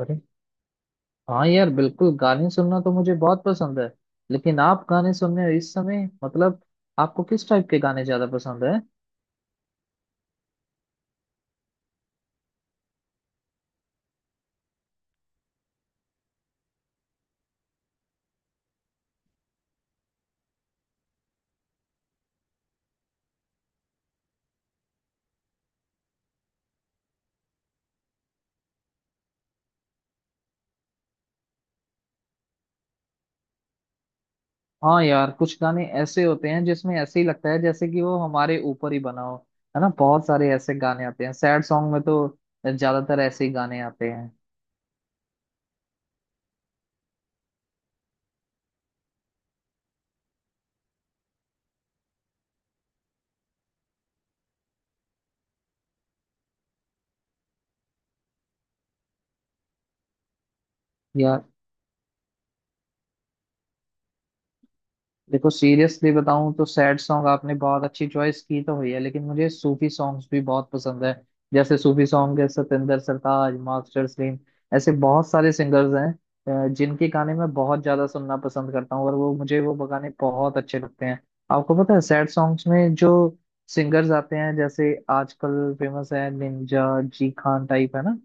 अरे हाँ यार, बिल्कुल गाने सुनना तो मुझे बहुत पसंद है। लेकिन आप गाने सुन रहे हो इस समय, मतलब आपको किस टाइप के गाने ज्यादा पसंद है? हाँ यार, कुछ गाने ऐसे होते हैं जिसमें ऐसे ही लगता है जैसे कि वो हमारे ऊपर ही बना हो। है ना, बहुत सारे ऐसे गाने आते हैं सैड सॉन्ग में तो ज्यादातर ऐसे ही गाने आते हैं। यार देखो, सीरियसली बताऊं तो सैड सॉन्ग आपने बहुत अच्छी चॉइस की तो हुई है, लेकिन मुझे सूफी सॉन्ग्स भी बहुत पसंद है। जैसे सूफी सॉन्ग है सतेंद्र सरताज, मास्टर सलीम, ऐसे बहुत सारे सिंगर्स हैं जिनके गाने मैं बहुत ज्यादा सुनना पसंद करता हूँ और वो मुझे वो गाने बहुत अच्छे लगते हैं। आपको पता है सैड सॉन्ग्स में जो सिंगर्स आते हैं, जैसे आजकल फेमस है निंजा, जी खान टाइप, है ना।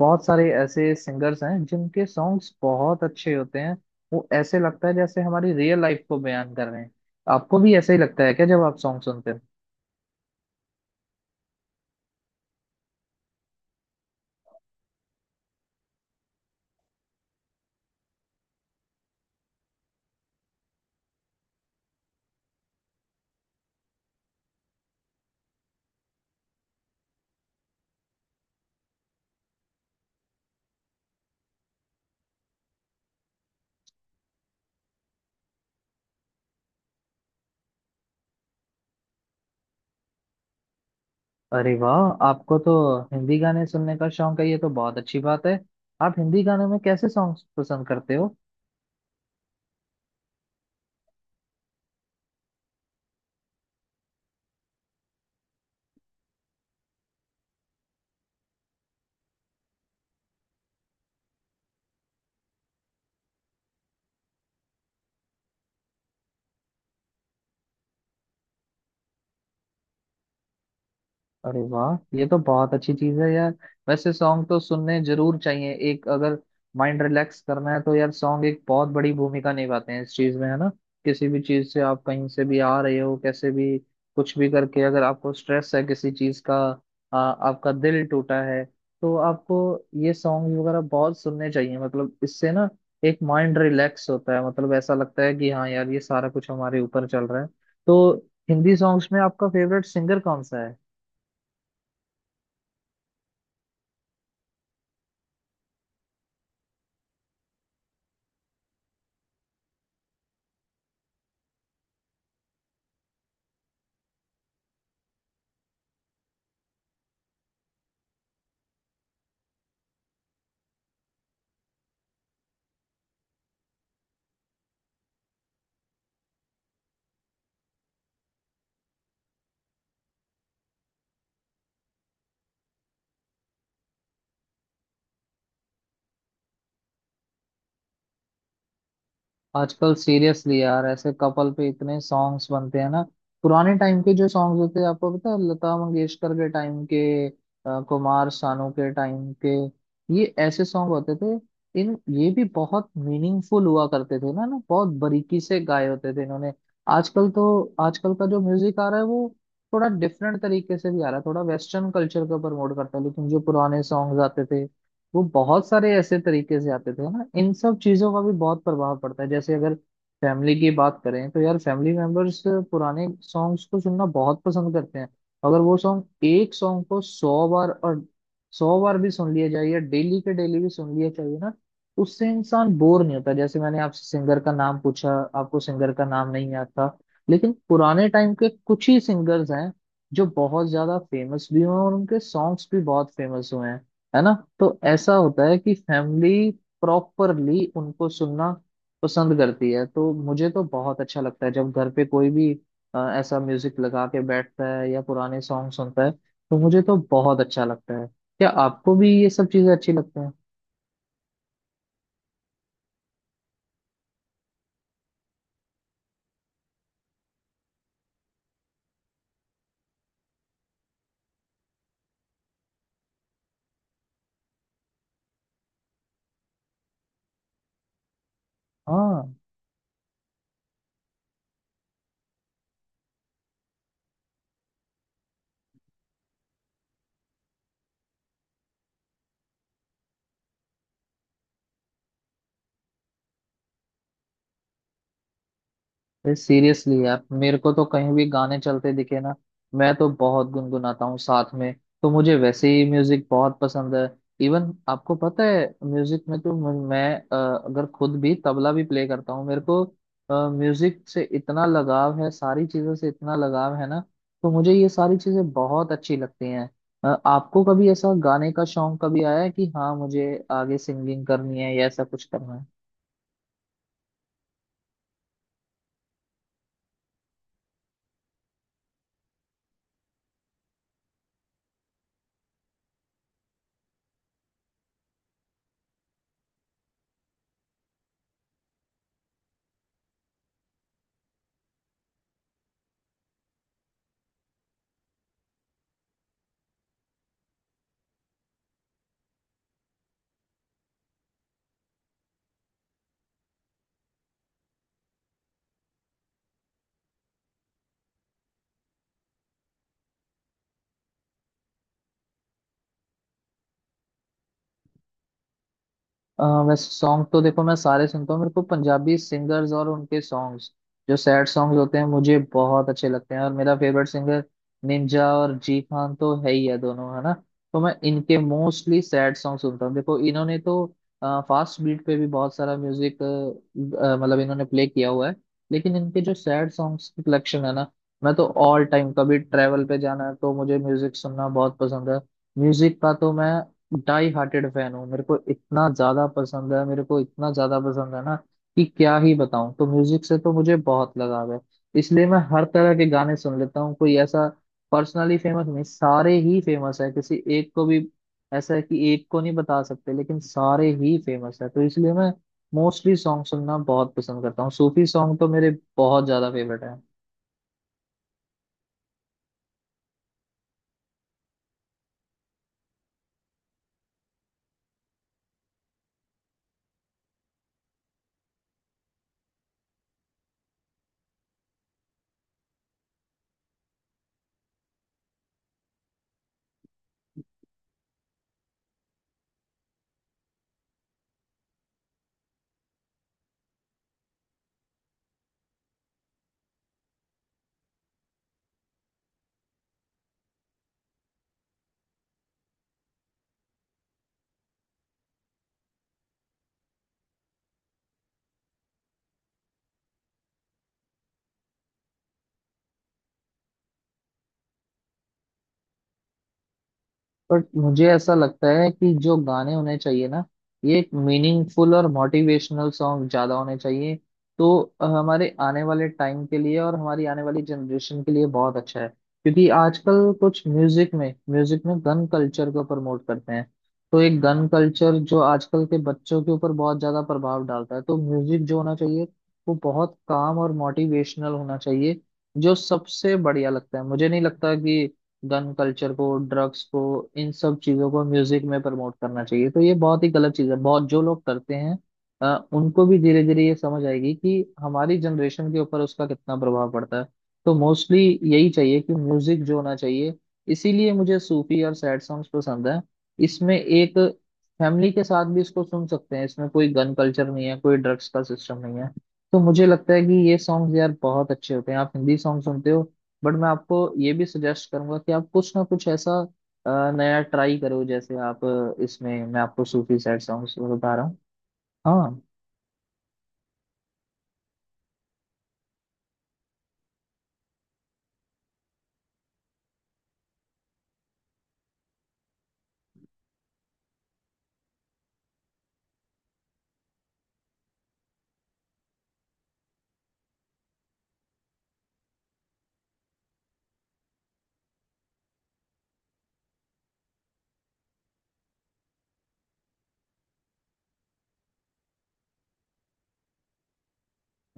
बहुत सारे ऐसे सिंगर्स हैं जिनके सॉन्ग्स बहुत अच्छे होते हैं। वो ऐसे लगता है जैसे हमारी रियल लाइफ को बयान कर रहे हैं। आपको भी ऐसा ही लगता है क्या जब आप सॉन्ग सुनते हो? अरे वाह, आपको तो हिंदी गाने सुनने का शौक है, ये तो बहुत अच्छी बात है। आप हिंदी गानों में कैसे सॉन्ग पसंद करते हो? अरे वाह, ये तो बहुत अच्छी चीज है यार। वैसे सॉन्ग तो सुनने जरूर चाहिए, एक अगर माइंड रिलैक्स करना है तो यार सॉन्ग एक बहुत बड़ी भूमिका निभाते हैं इस चीज में, है ना। किसी भी चीज से आप कहीं से भी आ रहे हो, कैसे भी, कुछ भी करके अगर आपको स्ट्रेस है किसी चीज का, आपका दिल टूटा है, तो आपको ये सॉन्ग वगैरह बहुत सुनने चाहिए। मतलब इससे ना एक माइंड रिलैक्स होता है, मतलब ऐसा लगता है कि हाँ यार ये सारा कुछ हमारे ऊपर चल रहा है। तो हिंदी सॉन्ग्स में आपका फेवरेट सिंगर कौन सा है? आजकल सीरियसली यार ऐसे कपल पे इतने सॉन्ग्स बनते हैं ना। पुराने टाइम के जो सॉन्ग्स होते हैं, आपको पता है लता मंगेशकर के टाइम के, कुमार सानू के टाइम के, ये ऐसे सॉन्ग होते थे। इन ये भी बहुत मीनिंगफुल हुआ करते थे ना ना, बहुत बारीकी से गाए होते थे इन्होंने। आजकल तो आजकल का जो म्यूजिक आ रहा है वो थोड़ा डिफरेंट तरीके से भी आ रहा है, थोड़ा वेस्टर्न कल्चर को प्रमोट करता है। लेकिन जो पुराने सॉन्ग्स आते थे वो बहुत सारे ऐसे तरीके से आते थे ना, इन सब चीजों का भी बहुत प्रभाव पड़ता है। जैसे अगर फैमिली की बात करें तो यार फैमिली मेंबर्स पुराने सॉन्ग्स को सुनना बहुत पसंद करते हैं। अगर वो सॉन्ग, एक सॉन्ग को सौ बार और सौ बार भी सुन लिया जाए या डेली के डेली भी सुन लिया, चाहिए ना, उससे इंसान बोर नहीं होता। जैसे मैंने आपसे सिंगर का नाम पूछा, आपको सिंगर का नाम नहीं आता। लेकिन पुराने टाइम के कुछ ही सिंगर्स हैं जो बहुत ज्यादा फेमस भी हुए हैं और उनके सॉन्ग्स भी बहुत फेमस हुए हैं, है ना। तो ऐसा होता है कि फैमिली प्रॉपरली उनको सुनना पसंद करती है, तो मुझे तो बहुत अच्छा लगता है जब घर पे कोई भी ऐसा म्यूजिक लगा के बैठता है या पुराने सॉन्ग सुनता है तो मुझे तो बहुत अच्छा लगता है। क्या आपको भी ये सब चीजें अच्छी लगती हैं? हाँ, सीरियसली यार मेरे को तो कहीं भी गाने चलते दिखे ना, मैं तो बहुत गुनगुनाता हूँ साथ में। तो मुझे वैसे ही म्यूजिक बहुत पसंद है। इवन आपको पता है म्यूजिक में तो मैं अगर खुद भी तबला भी प्ले करता हूँ। मेरे को म्यूजिक से इतना लगाव है, सारी चीजों से इतना लगाव है ना, तो मुझे ये सारी चीजें बहुत अच्छी लगती हैं। आपको कभी ऐसा गाने का शौक कभी आया है कि हाँ मुझे आगे सिंगिंग करनी है या ऐसा कुछ करना है? वैसे सॉन्ग तो देखो मैं सारे सुनता हूँ, मेरे को पंजाबी सिंगर्स और उनके सॉन्ग्स जो सैड सॉन्ग्स होते हैं मुझे बहुत अच्छे लगते हैं। और मेरा फेवरेट सिंगर निंजा और जी खान तो है ही है दोनों, है ना। तो मैं इनके मोस्टली सैड सॉन्ग सुनता हूँ। देखो इन्होंने तो फास्ट बीट पे भी बहुत सारा म्यूजिक, मतलब इन्होंने प्ले किया हुआ है, लेकिन इनके जो सैड सॉन्ग्स की कलेक्शन है ना, मैं तो ऑल टाइम, कभी ट्रैवल पे जाना है तो मुझे म्यूजिक सुनना बहुत पसंद है। म्यूजिक का तो मैं डाई हार्टेड फैन हूँ। मेरे को इतना ज्यादा पसंद है, मेरे को इतना ज्यादा पसंद है ना कि क्या ही बताऊं। तो म्यूजिक से तो मुझे बहुत लगाव है, इसलिए मैं हर तरह के गाने सुन लेता हूँ। कोई ऐसा पर्सनली फेमस नहीं, सारे ही फेमस है, किसी एक को भी ऐसा है कि एक को नहीं बता सकते, लेकिन सारे ही फेमस है। तो इसलिए मैं मोस्टली सॉन्ग सुनना बहुत पसंद करता हूँ। सूफी सॉन्ग तो मेरे बहुत ज्यादा फेवरेट है। बट मुझे ऐसा लगता है कि जो गाने होने चाहिए ना, ये एक मीनिंगफुल और मोटिवेशनल सॉन्ग ज्यादा होने चाहिए। तो हमारे आने वाले टाइम के लिए और हमारी आने वाली जनरेशन के लिए बहुत अच्छा है, क्योंकि आजकल कुछ म्यूजिक में, म्यूजिक में गन कल्चर को प्रमोट करते हैं। तो एक गन कल्चर जो आजकल के बच्चों के ऊपर बहुत ज्यादा प्रभाव डालता है, तो म्यूजिक जो होना चाहिए वो बहुत काम और मोटिवेशनल होना चाहिए, जो सबसे बढ़िया लगता है। मुझे नहीं लगता कि गन कल्चर को, ड्रग्स को, इन सब चीजों को म्यूजिक में प्रमोट करना चाहिए। तो ये बहुत ही गलत चीज है, बहुत जो लोग करते हैं उनको भी धीरे धीरे ये समझ आएगी कि हमारी जनरेशन के ऊपर उसका कितना प्रभाव पड़ता है। तो मोस्टली यही चाहिए कि म्यूजिक जो होना चाहिए, इसीलिए मुझे सूफी और सैड सॉन्ग्स पसंद है। इसमें एक फैमिली के साथ भी इसको सुन सकते हैं, इसमें कोई गन कल्चर नहीं है, कोई ड्रग्स का सिस्टम नहीं है। तो मुझे लगता है कि ये सॉन्ग्स यार बहुत अच्छे होते हैं। आप हिंदी सॉन्ग सुनते हो, बट मैं आपको ये भी सजेस्ट करूंगा कि आप कुछ ना कुछ ऐसा नया ट्राई करो। जैसे आप, इसमें मैं आपको सूफी सैड सॉन्ग्स बता रहा हूँ। हाँ।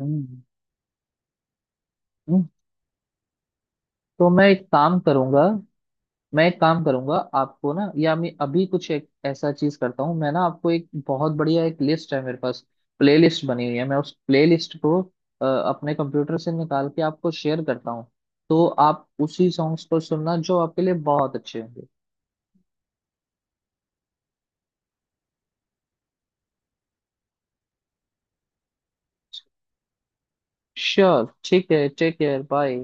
हम्म, हम्म। तो मैं एक काम करूंगा, मैं एक काम करूंगा आपको ना, या मैं अभी कुछ एक ऐसा चीज करता हूँ। मैं ना आपको एक बहुत बढ़िया एक लिस्ट है मेरे पास, प्लेलिस्ट बनी हुई है। मैं उस प्लेलिस्ट को अपने कंप्यूटर से निकाल के आपको शेयर करता हूँ। तो आप उसी सॉन्ग्स को सुनना जो आपके लिए बहुत अच्छे होंगे। श्योर, ठीक है, टेक केयर, बाय।